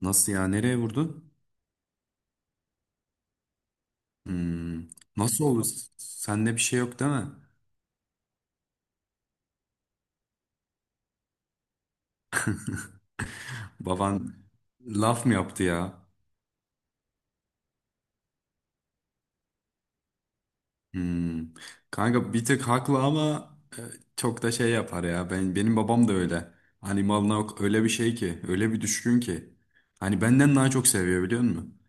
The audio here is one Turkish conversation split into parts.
Nasıl ya? Nereye vurdu? Hmm. Nasıl oldu? Sende bir şey yok değil mi? Baban laf mı yaptı ya? Hmm. Kanka bir tık haklı ama e, çok da şey yapar ya. Benim babam da öyle. Hani malına öyle bir şey ki, öyle bir düşkün ki. Hani benden daha çok seviyor, biliyor musun?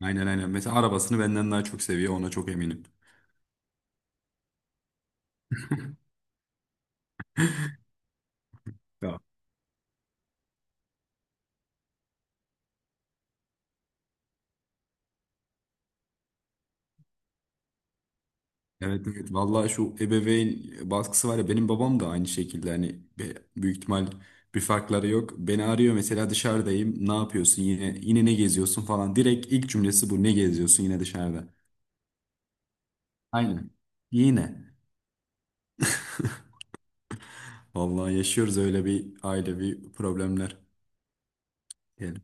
Aynen, aynen. Mesela arabasını benden daha çok seviyor, ona çok eminim. Ya. Evet, evet, vallahi şu ebeveyn baskısı var ya, benim babam da aynı şekilde, hani büyük ihtimal bir farkları yok. Beni arıyor mesela, dışarıdayım, ne yapıyorsun, yine ne geziyorsun falan, direkt ilk cümlesi bu: ne geziyorsun yine dışarıda. Aynen, yine vallahi yaşıyoruz öyle bir ailevi problemler, diyelim.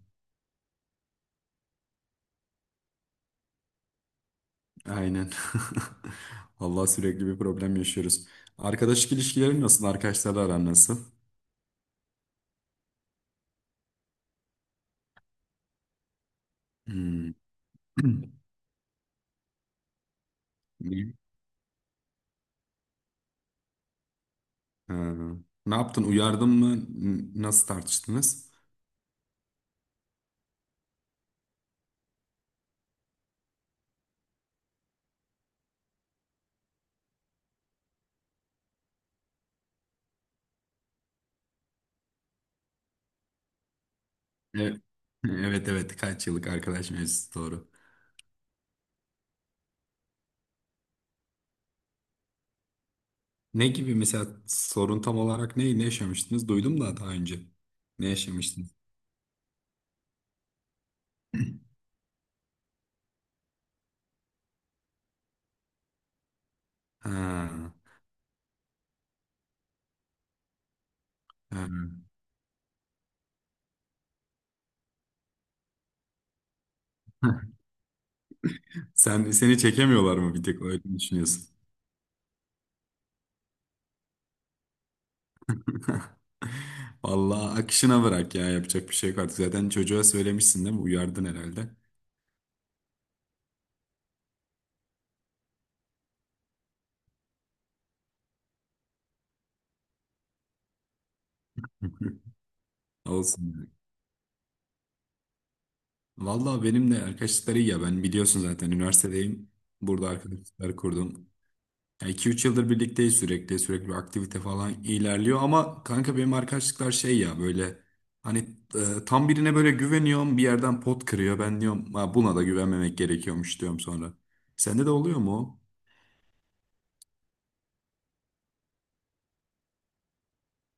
Aynen vallahi sürekli bir problem yaşıyoruz. Arkadaşlık ilişkilerin nasıl, arkadaşlarla aran nasıl? Hmm. Ha. Ne yaptın? Uyardın mı? Nasıl tartıştınız? Evet. Evet, evet, kaç yıllık arkadaş mevzusu doğru. Ne gibi mesela, sorun tam olarak ne yaşamıştınız? Duydum da daha önce. Ne yaşamıştınız? Ha, ha. Sen, seni çekemiyorlar mı bir tek, öyle mi düşünüyorsun? Vallahi akışına bırak ya, yapacak bir şey yok artık. Zaten çocuğa söylemişsin değil mi? Uyardın herhalde. Olsun. Vallahi benimle arkadaşlıkları iyi ya. Ben biliyorsun zaten üniversitedeyim. Burada arkadaşlıklar kurdum. Ya 2-3 yıldır birlikteyiz sürekli. Sürekli bir aktivite falan ilerliyor. Ama kanka benim arkadaşlıklar şey ya, böyle hani tam birine böyle güveniyorum, bir yerden pot kırıyor. Ben diyorum ha, buna da güvenmemek gerekiyormuş, diyorum sonra. Sende de oluyor mu o?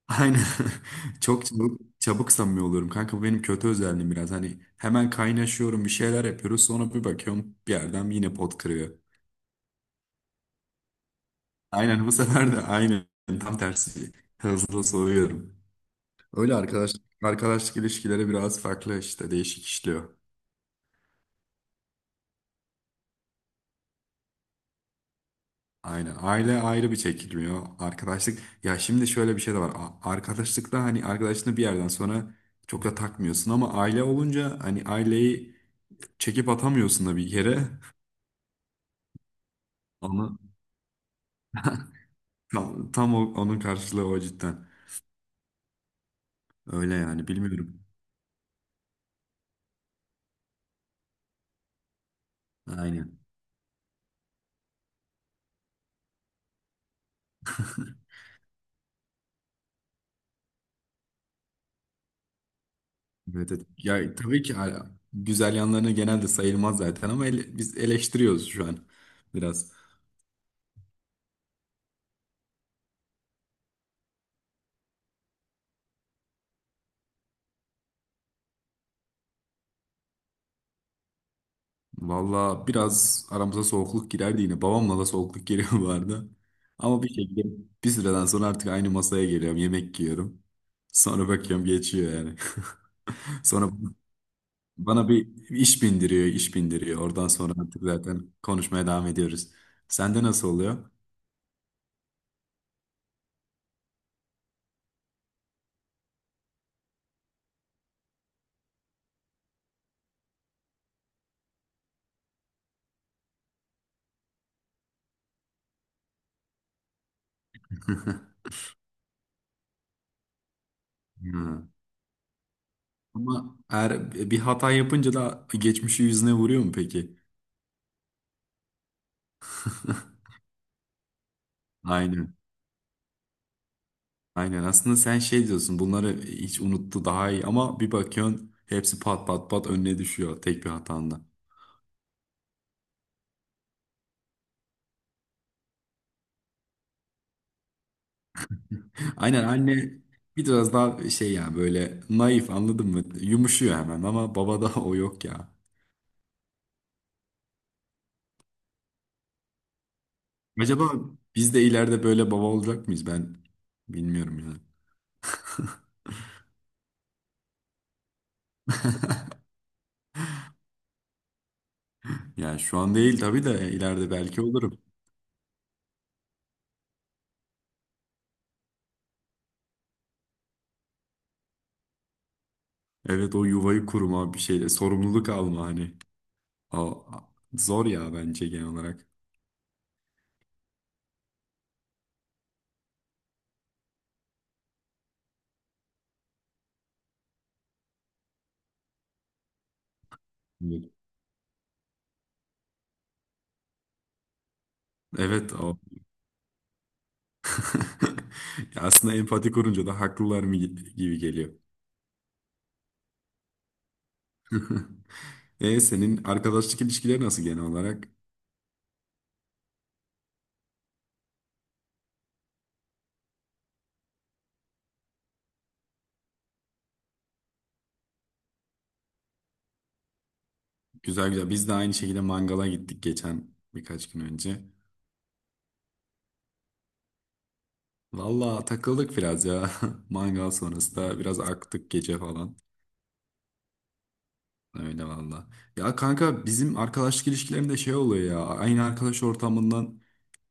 Aynen. Çok çabuk samimi oluyorum. Kanka bu benim kötü özelliğim biraz. Hani hemen kaynaşıyorum, bir şeyler yapıyoruz. Sonra bir bakıyorum, bir yerden yine pot kırıyor. Aynen, bu sefer de aynen tam tersi, hızlı soğuyorum. Öyle arkadaşlık ilişkileri biraz farklı işte, değişik işliyor. Aynen, aile ayrı bir çekilmiyor. Arkadaşlık ya, şimdi şöyle bir şey de var. Arkadaşlıkta hani arkadaşını bir yerden sonra çok da takmıyorsun, ama aile olunca hani aileyi çekip atamıyorsun da bir yere. Onu tam onun karşılığı o, cidden. Öyle yani, bilmiyorum. Aynen. Evet, evet. Ya tabii ki hala güzel yanlarını genelde sayılmaz zaten, ama biz eleştiriyoruz şu an biraz. Valla biraz aramıza soğukluk girerdi yine. Babamla da soğukluk geliyor bu arada. Ama bir şekilde bir süreden sonra artık aynı masaya geliyorum, yemek yiyorum. Sonra bakıyorum, geçiyor yani. Sonra bana bir iş bindiriyor, iş bindiriyor. Oradan sonra artık zaten konuşmaya devam ediyoruz. Sende nasıl oluyor? Hı. Ama eğer bir hata yapınca da geçmişi yüzüne vuruyor mu peki? Aynen. Aynen. Aslında sen şey diyorsun, bunları hiç unuttu daha iyi, ama bir bakıyorsun hepsi pat pat pat önüne düşüyor tek bir hatanda. Aynen, anne biraz daha şey ya, böyle naif, anladın mı? Yumuşuyor hemen, ama babada o yok ya. Acaba biz de ileride böyle baba olacak mıyız? Ben bilmiyorum ya. Yani şu an değil tabii de, ileride belki olurum. Evet, o yuvayı kurma bir şeyle sorumluluk alma hani. O zor ya, bence genel olarak. Evet. Evet, o. Ya aslında empati kurunca da haklılar mı gibi geliyor. E senin arkadaşlık ilişkileri nasıl genel olarak? Güzel, güzel. Biz de aynı şekilde mangala gittik geçen, birkaç gün önce. Valla takıldık biraz ya. Mangal sonrası da biraz aktık gece falan. Öyle valla. Ya kanka bizim arkadaşlık ilişkilerinde şey oluyor ya. Aynı arkadaş ortamından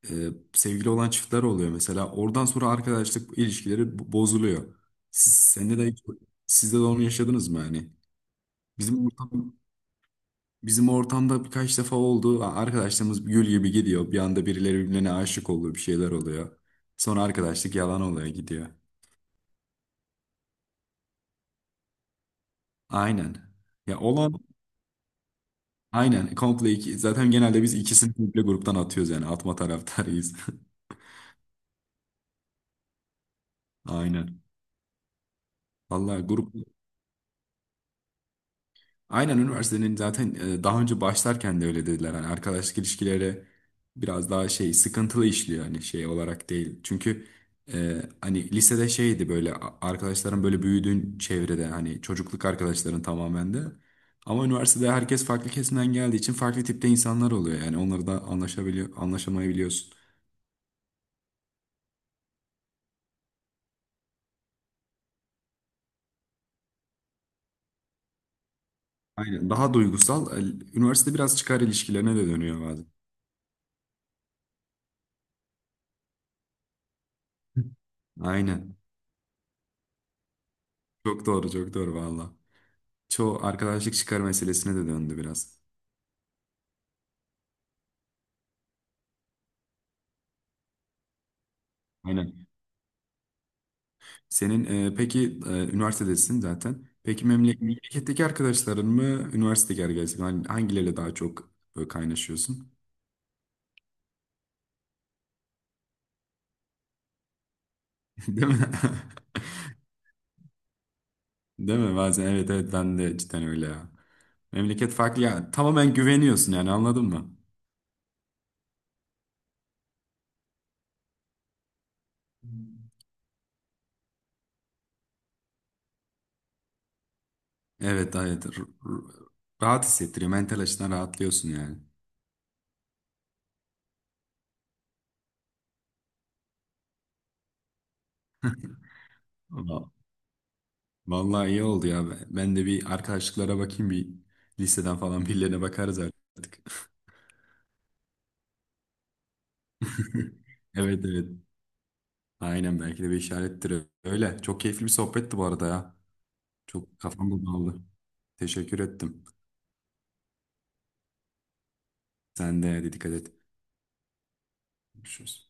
sevgili olan çiftler oluyor mesela. Oradan sonra arkadaşlık ilişkileri bozuluyor. Sende de, sizde de onu yaşadınız mı yani? Bizim ortam, bizim ortamda birkaç defa oldu. Arkadaşlarımız gül gibi gidiyor. Bir anda birileri birbirine aşık oluyor, bir şeyler oluyor. Sonra arkadaşlık yalan oluyor, gidiyor. Aynen. Ya olan aynen komple iki, zaten genelde biz ikisini komple gruptan atıyoruz, yani atma taraftarıyız. Aynen. Vallahi grup. Aynen üniversitenin zaten daha önce başlarken de öyle dediler. Hani arkadaşlık ilişkileri biraz daha şey sıkıntılı işliyor, hani şey olarak değil. Çünkü hani lisede şeydi böyle, arkadaşların böyle büyüdüğün çevrede hani çocukluk arkadaşların tamamen de. Ama üniversitede herkes farklı kesimden geldiği için farklı tipte insanlar oluyor. Yani onları da anlaşabiliyor, anlaşamayabiliyorsun. Aynen, daha duygusal. Üniversite biraz çıkar ilişkilerine de dönüyor bazen. Aynen. Çok doğru, çok doğru valla. Çoğu arkadaşlık çıkar meselesine de döndü biraz. Aynen. Senin peki, üniversitedesin zaten. Peki memleketteki arkadaşların mı, üniversitedeki arkadaşların, hani hangileriyle daha çok böyle kaynaşıyorsun? Değil mi? Değil mi? Bazen, evet, evet, ben de cidden öyle ya. Memleket farklı ya. Tamamen güveniyorsun yani, anladın mı? Evet, evet. Rahat hissettiriyor. Mental açıdan rahatlıyorsun yani. Vallahi iyi oldu ya. Ben de bir arkadaşlıklara bakayım, bir listeden falan birilerine bakarız artık. Evet, evet. Aynen, belki de bir işarettir öyle. Çok keyifli bir sohbetti bu arada ya. Çok kafam da. Teşekkür ettim. Sen de hadi, dikkat et. Görüşürüz.